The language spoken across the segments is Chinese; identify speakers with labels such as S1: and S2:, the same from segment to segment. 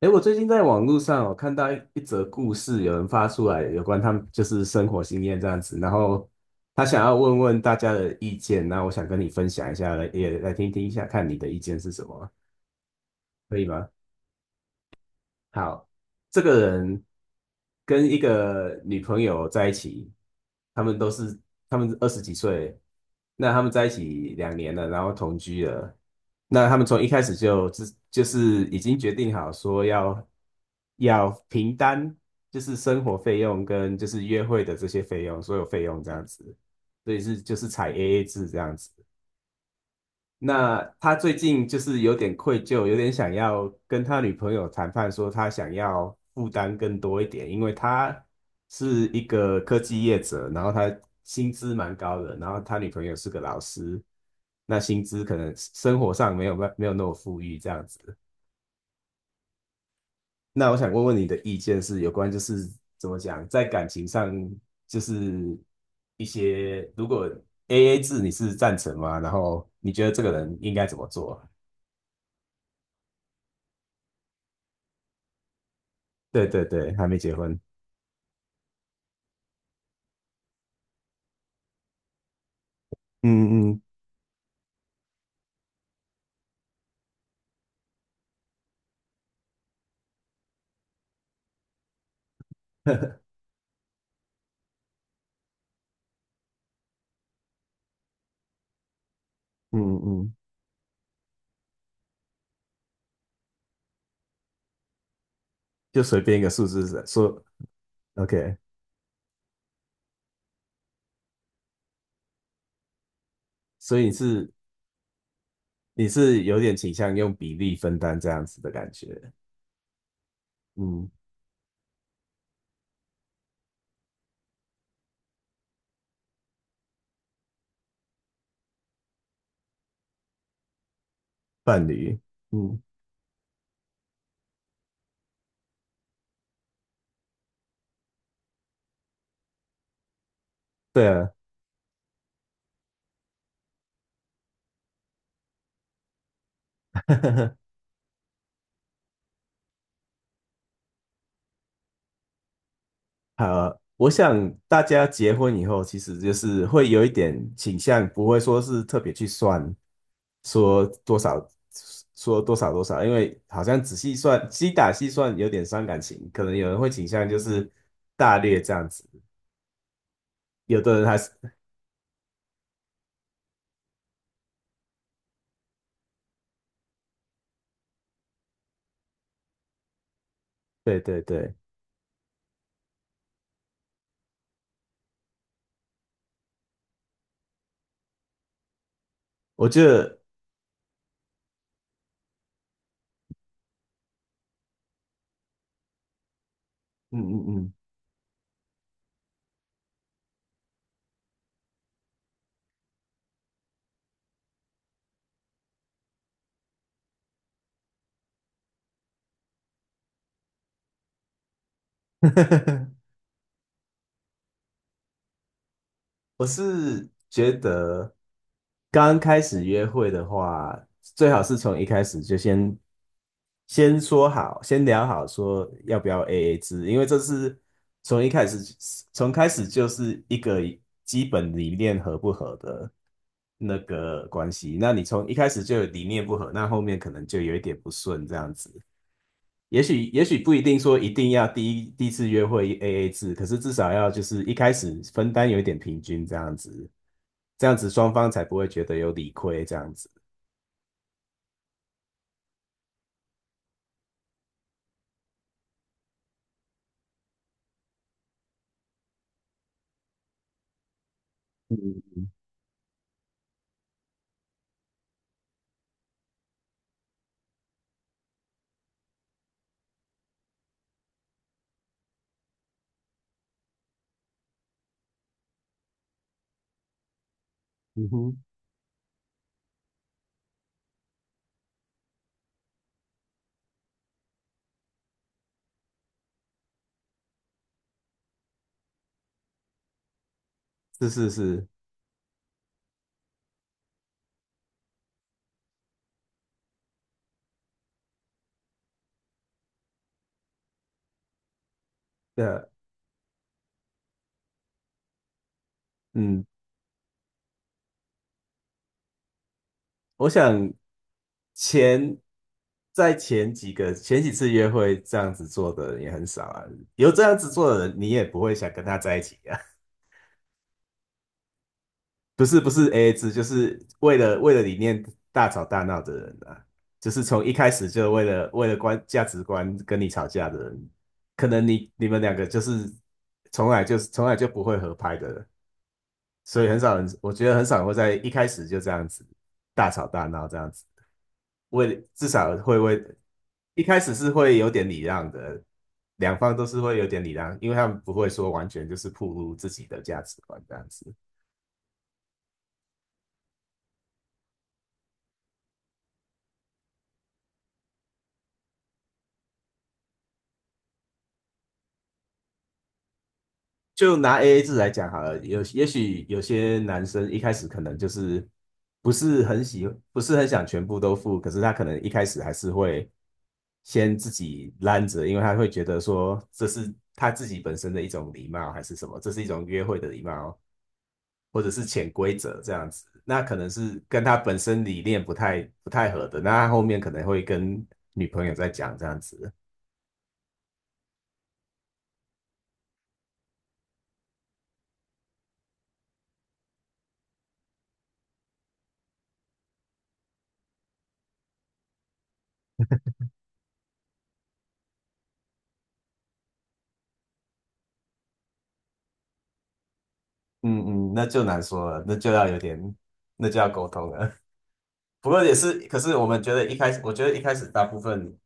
S1: 诶，我最近在网络上看到一则故事，有人发出来有关他们就是生活经验这样子，然后他想要问问大家的意见，那我想跟你分享一下，来也来听听一下，看你的意见是什么，可以吗？好，这个人跟一个女朋友在一起，他们都是他们二十几岁，那他们在一起2年了，然后同居了，那他们从一开始就就是已经决定好说要平摊，就是生活费用跟就是约会的这些费用，所有费用这样子，所以是就是采 AA 制这样子。那他最近就是有点愧疚，有点想要跟他女朋友谈判，说他想要负担更多一点，因为他是一个科技业者，然后他薪资蛮高的，然后他女朋友是个老师，那薪资可能生活上没有那么富裕这样子。那我想问问你的意见是有关就是怎么讲，在感情上就是一些如果 AA 制你是赞成吗？然后你觉得这个人应该怎么做？对对对，还没结婚。嗯嗯 嗯嗯，就随便一个数字说，OK。所以你是有点倾向用比例分担这样子的感觉。嗯，伴侣。嗯，对啊。好，我想大家结婚以后，其实就是会有一点倾向，不会说是特别去算说多少，说多少多少，因为好像仔细算，精打细算有点伤感情，可能有人会倾向就是大略这样子。有的人还是，对对对，我觉得，嗯嗯嗯，我是觉得刚开始约会的话，最好是从一开始就先说好，先聊好说要不要 AA 制，因为这是从一开始就是一个基本理念合不合的那个关系。那你从一开始就有理念不合，那后面可能就有一点不顺这样子。也许不一定说一定要第一次约会 AA 制，可是至少要就是一开始分担有一点平均这样子，这样子双方才不会觉得有理亏这样子。嗯嗯哼，是是是，的，嗯，我想前在前几个前几次约会这样子做的人也很少啊，有这样子做的人，你也不会想跟他在一起啊。不是不是 AA 制，就是为了理念大吵大闹的人啊，就是从一开始就为了价值观跟你吵架的人，可能你们两个就是从来就不会合拍的人所以很少人，我觉得很少人会在一开始就这样子大吵大闹这样子，为至少会为一开始是会有点礼让的，两方都是会有点礼让，因为他们不会说完全就是暴露自己的价值观这样子。就拿 AA 制来讲好了，有也许有些男生一开始可能就是不是很喜，不是很想全部都付，可是他可能一开始还是会先自己拦着，因为他会觉得说这是他自己本身的一种礼貌，还是什么，这是一种约会的礼貌，或者是潜规则这样子。那可能是跟他本身理念不太合的，那他后面可能会跟女朋友在讲这样子。嗯嗯，那就难说了，那就要有点，那就要沟通了。不过也是，可是我们觉得一开始，我觉得一开始大部分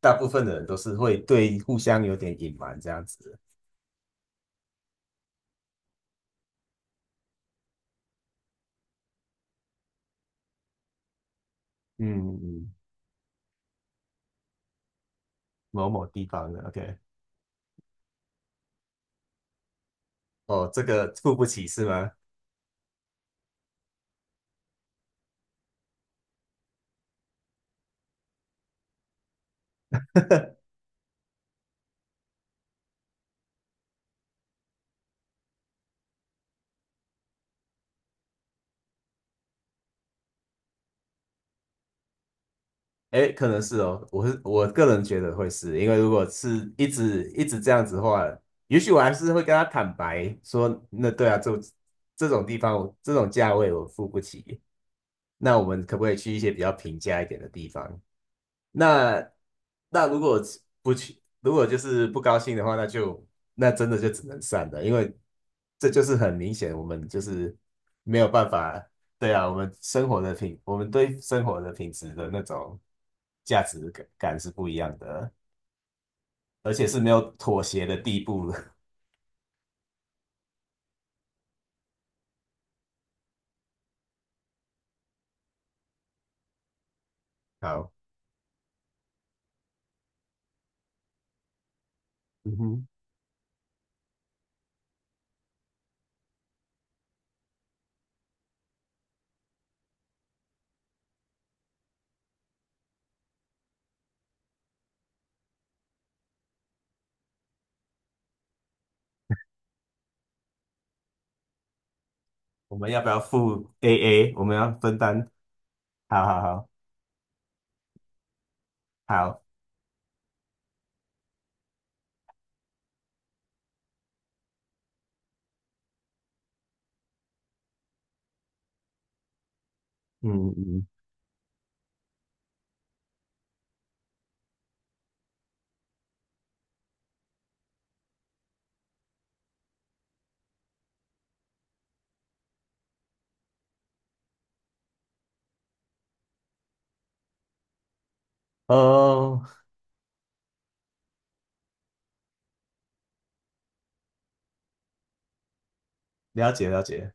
S1: 大部分的人都是会对互相有点隐瞒这样子。嗯嗯，某某地方的，OK，哦，这个付不起是吗？哎，可能是哦，我是我个人觉得会是，因为如果是一直一直这样子的话，也许我还是会跟他坦白说，那对啊，这种地方我这种价位我付不起，那我们可不可以去一些比较平价一点的地方？那如果不去，如果就是不高兴的话，那就真的就只能散了，因为这就是很明显，我们就是没有办法。对啊，我们对生活的品质的那种价值感是不一样的，而且是没有妥协的地步。好，嗯哼，我们要不要付 AA？我们要分担？好好好好，嗯嗯，哦，了解了解，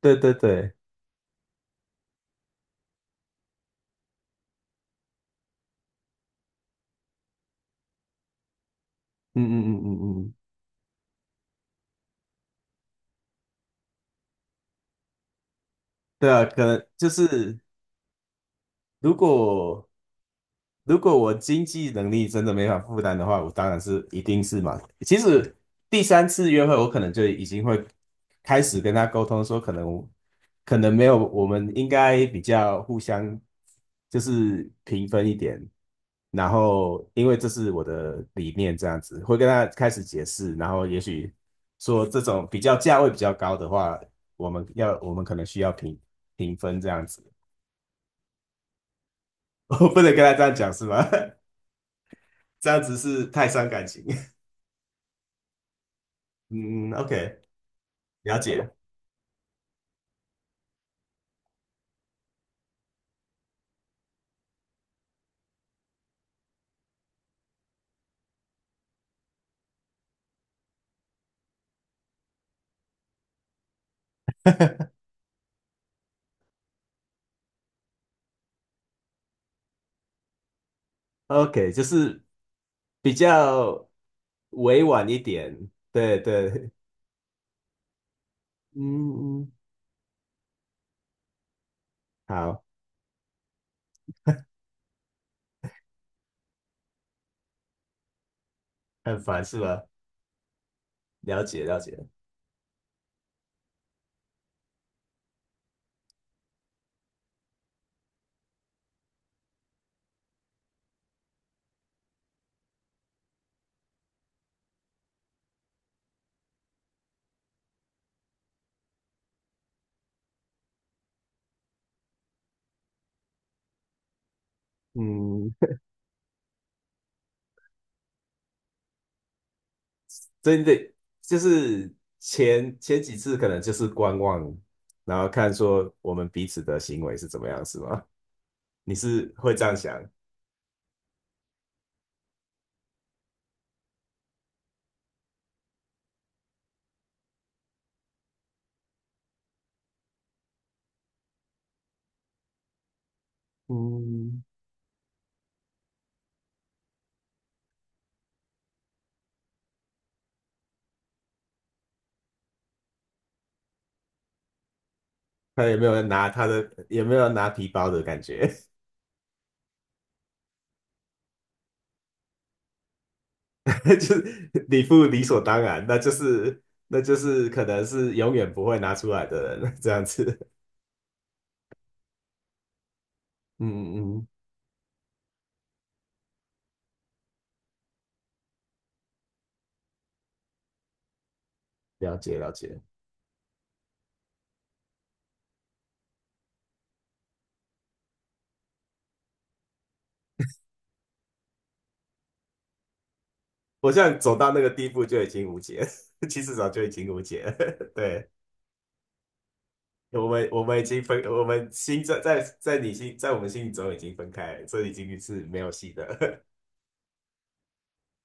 S1: 对对对，嗯嗯嗯嗯嗯，对啊，可能就是如果如果我经济能力真的没法负担的话，我当然是一定是嘛。其实第三次约会，我可能就已经会开始跟他沟通说，可能没有，我们应该比较互相就是平分一点。然后因为这是我的理念，这样子会跟他开始解释，然后也许说这种比较价位比较高的话，我们可能需要平分这样子。我不能跟他这样讲是吗？这样子是太伤感情。嗯，OK，了解。OK，就是比较委婉一点，对对，嗯嗯，好，很烦是吧？了解了解，嗯，真的就是前几次可能就是观望，然后看说我们彼此的行为是怎么样，是吗？你是会这样想？嗯，看有没有拿他的，有没有拿皮包的感觉？就是你不理所当然，那就是可能是永远不会拿出来的人 这样子。嗯嗯嗯，了解了解。我现在走到那个地步就已经无解，其实早就已经无解了。对，我们已经分，我们心在你心在我们心里中已经分开所以已经是没有戏的。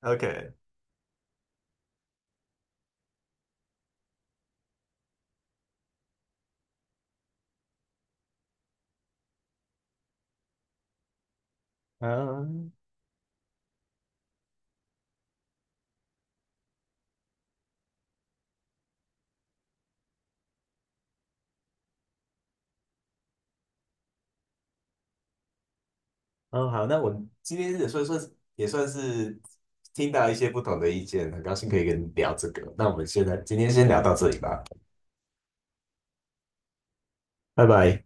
S1: OK，嗯，哦好，那我们今天也算是听到一些不同的意见，很高兴可以跟你聊这个。那我们现在今天先聊到这里吧。拜拜。